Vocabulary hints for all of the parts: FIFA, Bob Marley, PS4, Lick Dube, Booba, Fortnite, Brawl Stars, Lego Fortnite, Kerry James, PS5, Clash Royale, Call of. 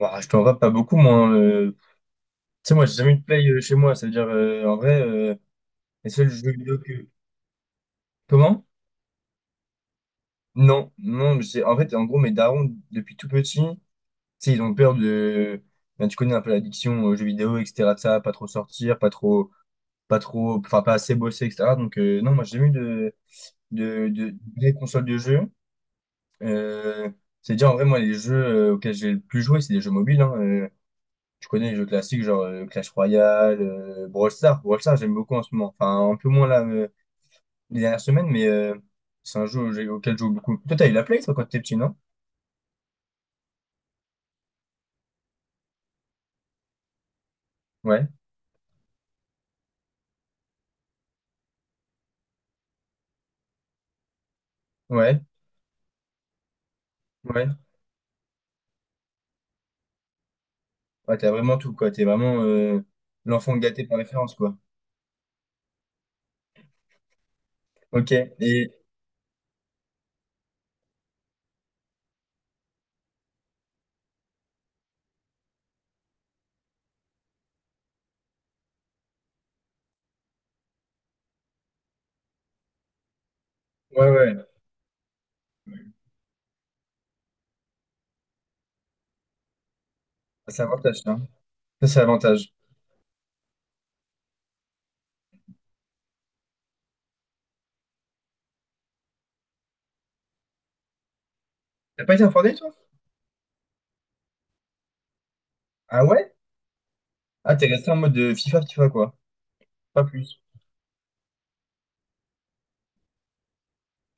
Bah, je t'en vas pas beaucoup, moi. Hein, Tu sais, moi, j'ai jamais eu de play chez moi. Ça veut dire, en vrai, les seuls jeux vidéo que... Comment? Non, non, mais c'est... En fait, en gros, mes darons, depuis tout petit, tu sais, ils ont peur de... Ben, tu connais un peu l'addiction aux jeux vidéo, etc. de ça, pas trop sortir, pas trop... Pas trop... Enfin, pas assez bosser, etc. Donc, non, moi, j'ai jamais eu De... des consoles de jeux. Euh... C'est-à-dire, en vrai, moi, les jeux auxquels j'ai le plus joué, c'est des jeux mobiles. Hein, Tu connais les jeux classiques, genre Clash Royale, Brawl Stars. Brawl Stars, j'aime beaucoup en ce moment. Enfin, un peu moins là, les dernières semaines, mais c'est un jeu auquel je joue beaucoup. Toi, t'as eu la Play, toi, quand t'étais petit, non? Ouais, ouais, ouais. Ouais, t'as vraiment tout, quoi. T'es vraiment l'enfant gâté par référence, quoi. Ok, et... Ouais, ouais, c'est l'avantage, ça. Ça, c'est l'avantage. T'as pas été en informé, toi? Ah ouais? Ah, t'es resté en mode FIFA, FIFA, quoi. Pas plus.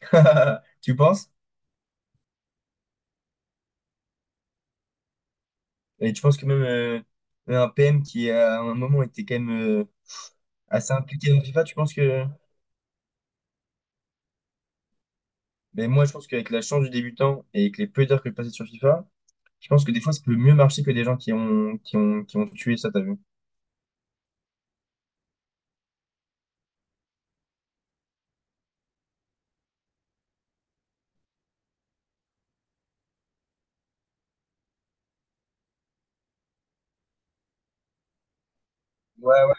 Tu penses? Et tu penses que même un PM qui, à un moment, était quand même... euh, assez impliqué dans FIFA, tu penses que... Mais moi, je pense qu'avec la chance du débutant et avec les peu d'heures que je passais sur FIFA, je pense que des fois, ça peut mieux marcher que des gens qui ont, qui ont tué ça, t'as vu? Ouais, ouais.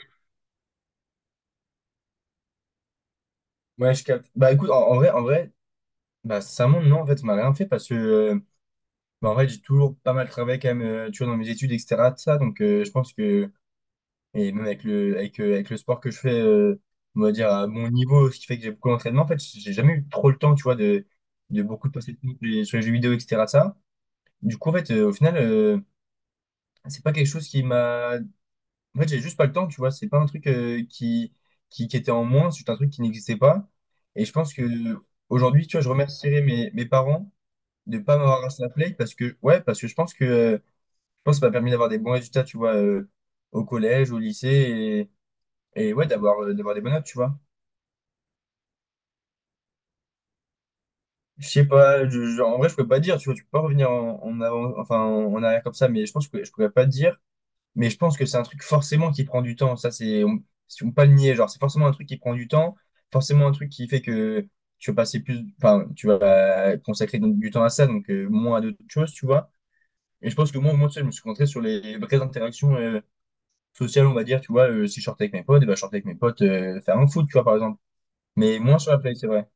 Ouais, je capte. Bah écoute, en vrai, bah ça monte, non, en fait, ça m'a rien fait parce que, bah, en vrai, j'ai toujours pas mal travaillé quand même, tu vois, dans mes études, etc., de ça, donc je pense que, et même avec avec le sport que je fais, on va dire, à mon niveau, ce qui fait que j'ai beaucoup d'entraînement, en fait, j'ai jamais eu trop le temps, tu vois, de beaucoup de passer de temps sur les jeux vidéo, etc., de ça. Du coup, en fait, au final, c'est pas quelque chose qui m'a. En fait, j'ai juste pas le temps, tu vois. C'est pas un truc qui, qui était en moins, c'est un truc qui n'existait pas. Et je pense que aujourd'hui, tu vois, je remercierais mes parents de pas m'avoir acheté la Play parce que, ouais, parce que je pense que ça m'a permis d'avoir des bons résultats, tu vois, au collège, au lycée et ouais, d'avoir des bonnes notes, tu vois. Je sais pas, en vrai, je pourrais pas dire, tu vois, tu peux pas revenir en avant, enfin, en arrière comme ça, mais je pense que je pourrais pas dire. Mais je pense que c'est un truc forcément qui prend du temps. Ça, c'est, on, si on peut pas le nier. Genre, c'est forcément un truc qui prend du temps, forcément un truc qui fait que tu vas passer plus, enfin, tu vas consacrer donc du temps à ça, donc moins à d'autres choses, tu vois. Et je pense que tu sais, je me suis concentré sur les vraies interactions sociales, on va dire, tu vois. Si je sortais avec mes potes, et ben, je sortais avec mes potes faire un foot, tu vois, par exemple. Mais moins sur la play, c'est vrai.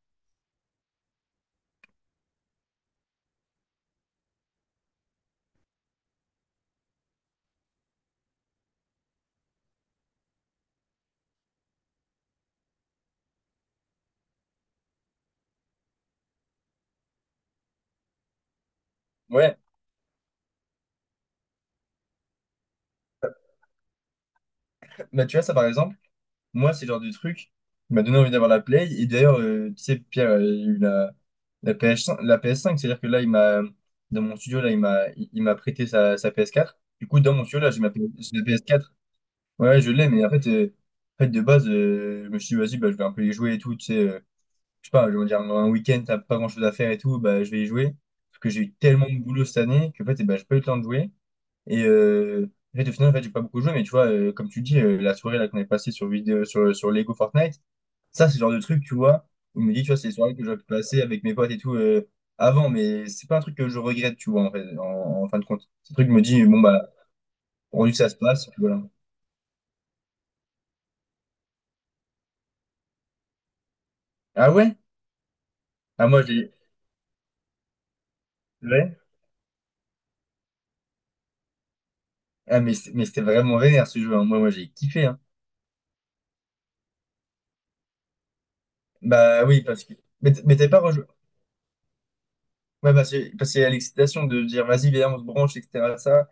Ouais, bah, tu vois, ça, par exemple. Moi, c'est le genre de truc qui m'a donné envie d'avoir la Play. Et d'ailleurs, tu sais, Pierre, il a eu la PS5, la PS5, c'est-à-dire que là, il m'a, dans mon studio, là, il m'a, il m'a prêté sa PS4. Du coup, dans mon studio, là, j'ai j'ai la PS4. Ouais, ouais, je l'ai, mais en fait, de base, je me suis dit, vas-y, bah, je vais un peu y jouer et tout, tu sais, je sais pas, je vais dire, un week-end, t'as pas grand-chose à faire et tout, bah, je vais y jouer. Parce que j'ai eu tellement de boulot cette année que, en fait, eh ben, j'ai pas eu le temps de jouer. Et en fait, au final, en fait, j'ai pas beaucoup joué, mais tu vois, comme tu dis, la soirée là qu'on est passée sur, sur Lego Fortnite, ça, c'est le genre de truc, tu vois, où je me dis, tu vois, c'est les soirées que j'aurais pu passer avec mes potes et tout avant, mais c'est pas un truc que je regrette, tu vois, en fait, en fin de compte. C'est un truc que je me dis, bon, bah, rendu que ça se passe, puis voilà. Ah ouais? Ah, moi, j'ai. Ouais? Ah, mais mais c'était vraiment vénère ce jeu, hein. Moi, moi, j'ai kiffé, hein. Bah oui, parce que. Mais t'avais pas rejou- Ouais, bah, c'est, parce qu'il y a l'excitation de dire, vas-y, viens, on se branche, etc. Ça,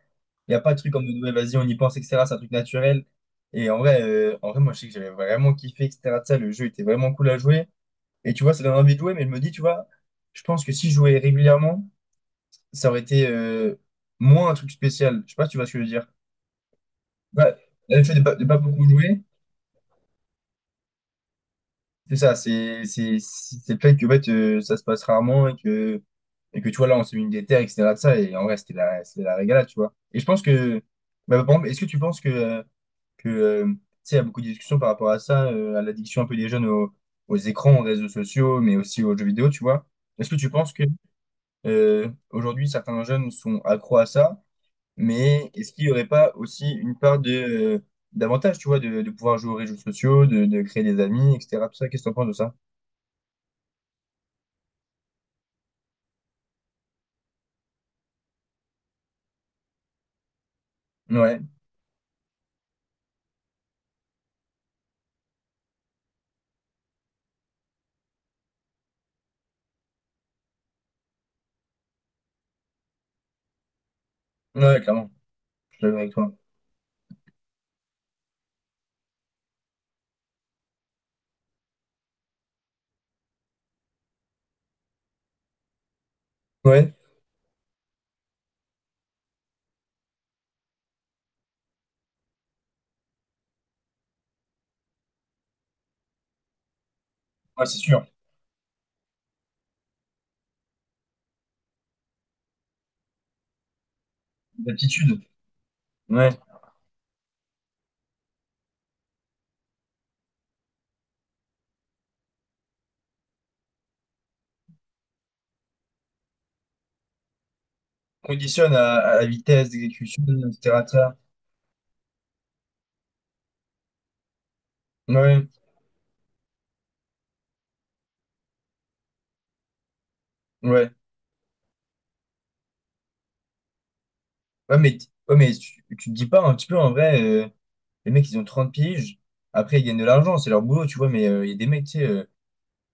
il n'y a pas de truc comme de, ouais, vas-y, on y pense, etc. C'est un truc naturel. Et en vrai, moi, je sais que j'avais vraiment kiffé, etc. de ça, le jeu était vraiment cool à jouer. Et tu vois, ça donne envie de jouer, mais je me dis, tu vois, je pense que si je jouais régulièrement, ça aurait été moins un truc spécial. Je sais pas si tu vois ce que je veux dire. Bah, le fait de pas beaucoup jouer, c'est ça, c'est le fait que en fait, ça se passe rarement et que tu vois, là, on s'est mis une des terres, et cetera de ça, et en vrai, c'était la régalade, tu vois. Et je pense que, bah, par exemple, est-ce que tu penses que, tu sais, il y a beaucoup de discussions par rapport à ça, à l'addiction un peu des jeunes aux, aux écrans, aux réseaux sociaux, mais aussi aux jeux vidéo, tu vois. Est-ce que tu penses que aujourd'hui, certains jeunes sont accros à ça, mais est-ce qu'il n'y aurait pas aussi une part de, d'avantage, tu vois, de pouvoir jouer aux réseaux sociaux, de créer des amis, etc. Tout ça, qu'est-ce que tu en penses de ça? Ouais, ouais, clairement, je suis d'accord avec toi. Ouais, ouais, c'est sûr. L'attitude, ouais, conditionne à la vitesse d'exécution, etc. etc. Ouais, ouais, ouais, mais, ouais, mais tu te dis pas un petit peu en vrai, les mecs ils ont 30 piges, après ils gagnent de l'argent, c'est leur boulot, tu vois, mais il y a des mecs, tu sais, euh,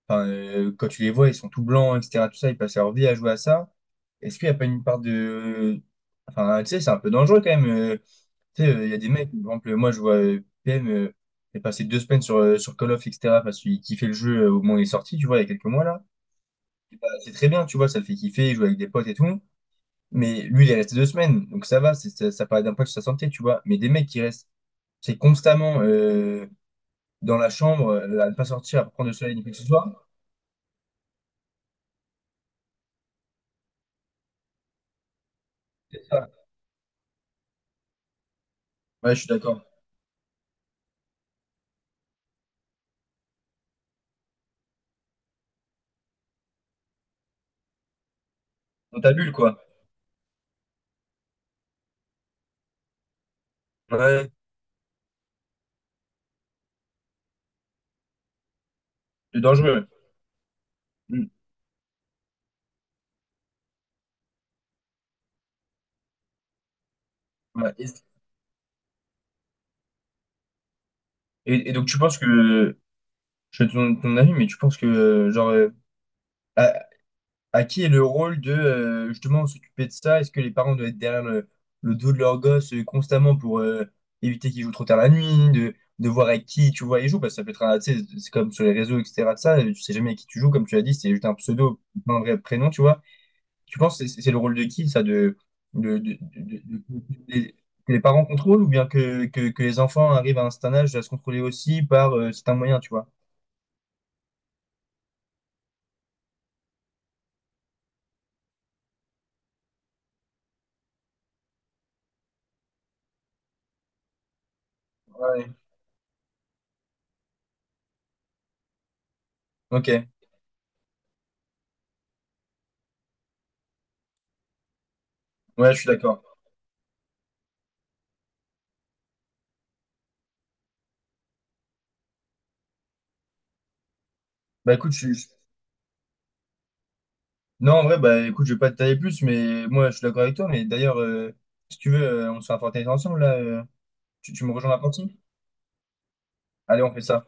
enfin, euh, quand tu les vois, ils sont tout blancs, etc., tout ça, ils passent leur vie à jouer à ça. Est-ce qu'il n'y a pas une part de. Enfin, tu sais, c'est un peu dangereux quand même. Tu sais, il y a des mecs, par exemple, moi je vois PM, il est passé 2 semaines sur, sur Call of, etc., parce qu'il kiffait le jeu au moment où il est sorti, tu vois, il y a quelques mois là. Et bah, c'est très bien, tu vois, ça le fait kiffer, il joue avec des potes et tout. Mais lui, il est resté 2 semaines, donc ça va, ça, ça pas d'impact sur sa santé, tu vois. Mais des mecs qui restent, c'est constamment dans la chambre, à ne pas sortir, à pas prendre le soleil ni quoi que ce soit. C'est ça. Ouais, je suis d'accord. Dans ta bulle, quoi. Ouais, c'est dangereux. Mm. Ouais. Et donc tu penses que, je fais ton, ton avis, mais tu penses que, genre, à, À qui est le rôle de justement s'occuper de ça? Est-ce que les parents doivent être derrière le dos de leur gosse constamment pour éviter qu'ils jouent trop tard la nuit, de voir avec qui tu vois ils jouent, parce que ça peut être, tu sais, c'est comme sur les réseaux, etc. de ça, tu sais jamais avec qui tu joues, comme tu l'as dit, c'est juste un pseudo, pas un vrai prénom, tu vois. Tu penses que c'est le rôle de qui, ça, de, de- de- de- de- que les parents contrôlent ou bien que, que les enfants arrivent à un certain âge à se contrôler aussi par certains moyens, tu vois? Ouais. Ok, ouais, je suis d'accord. Bah écoute, je suis. Non, en vrai, bah écoute, je vais pas te tailler plus, mais moi je suis d'accord avec toi. Mais d'ailleurs, si tu veux, on se fait un Fortnite ensemble là. Tu, tu me rejoins à la partie? Allez, on fait ça.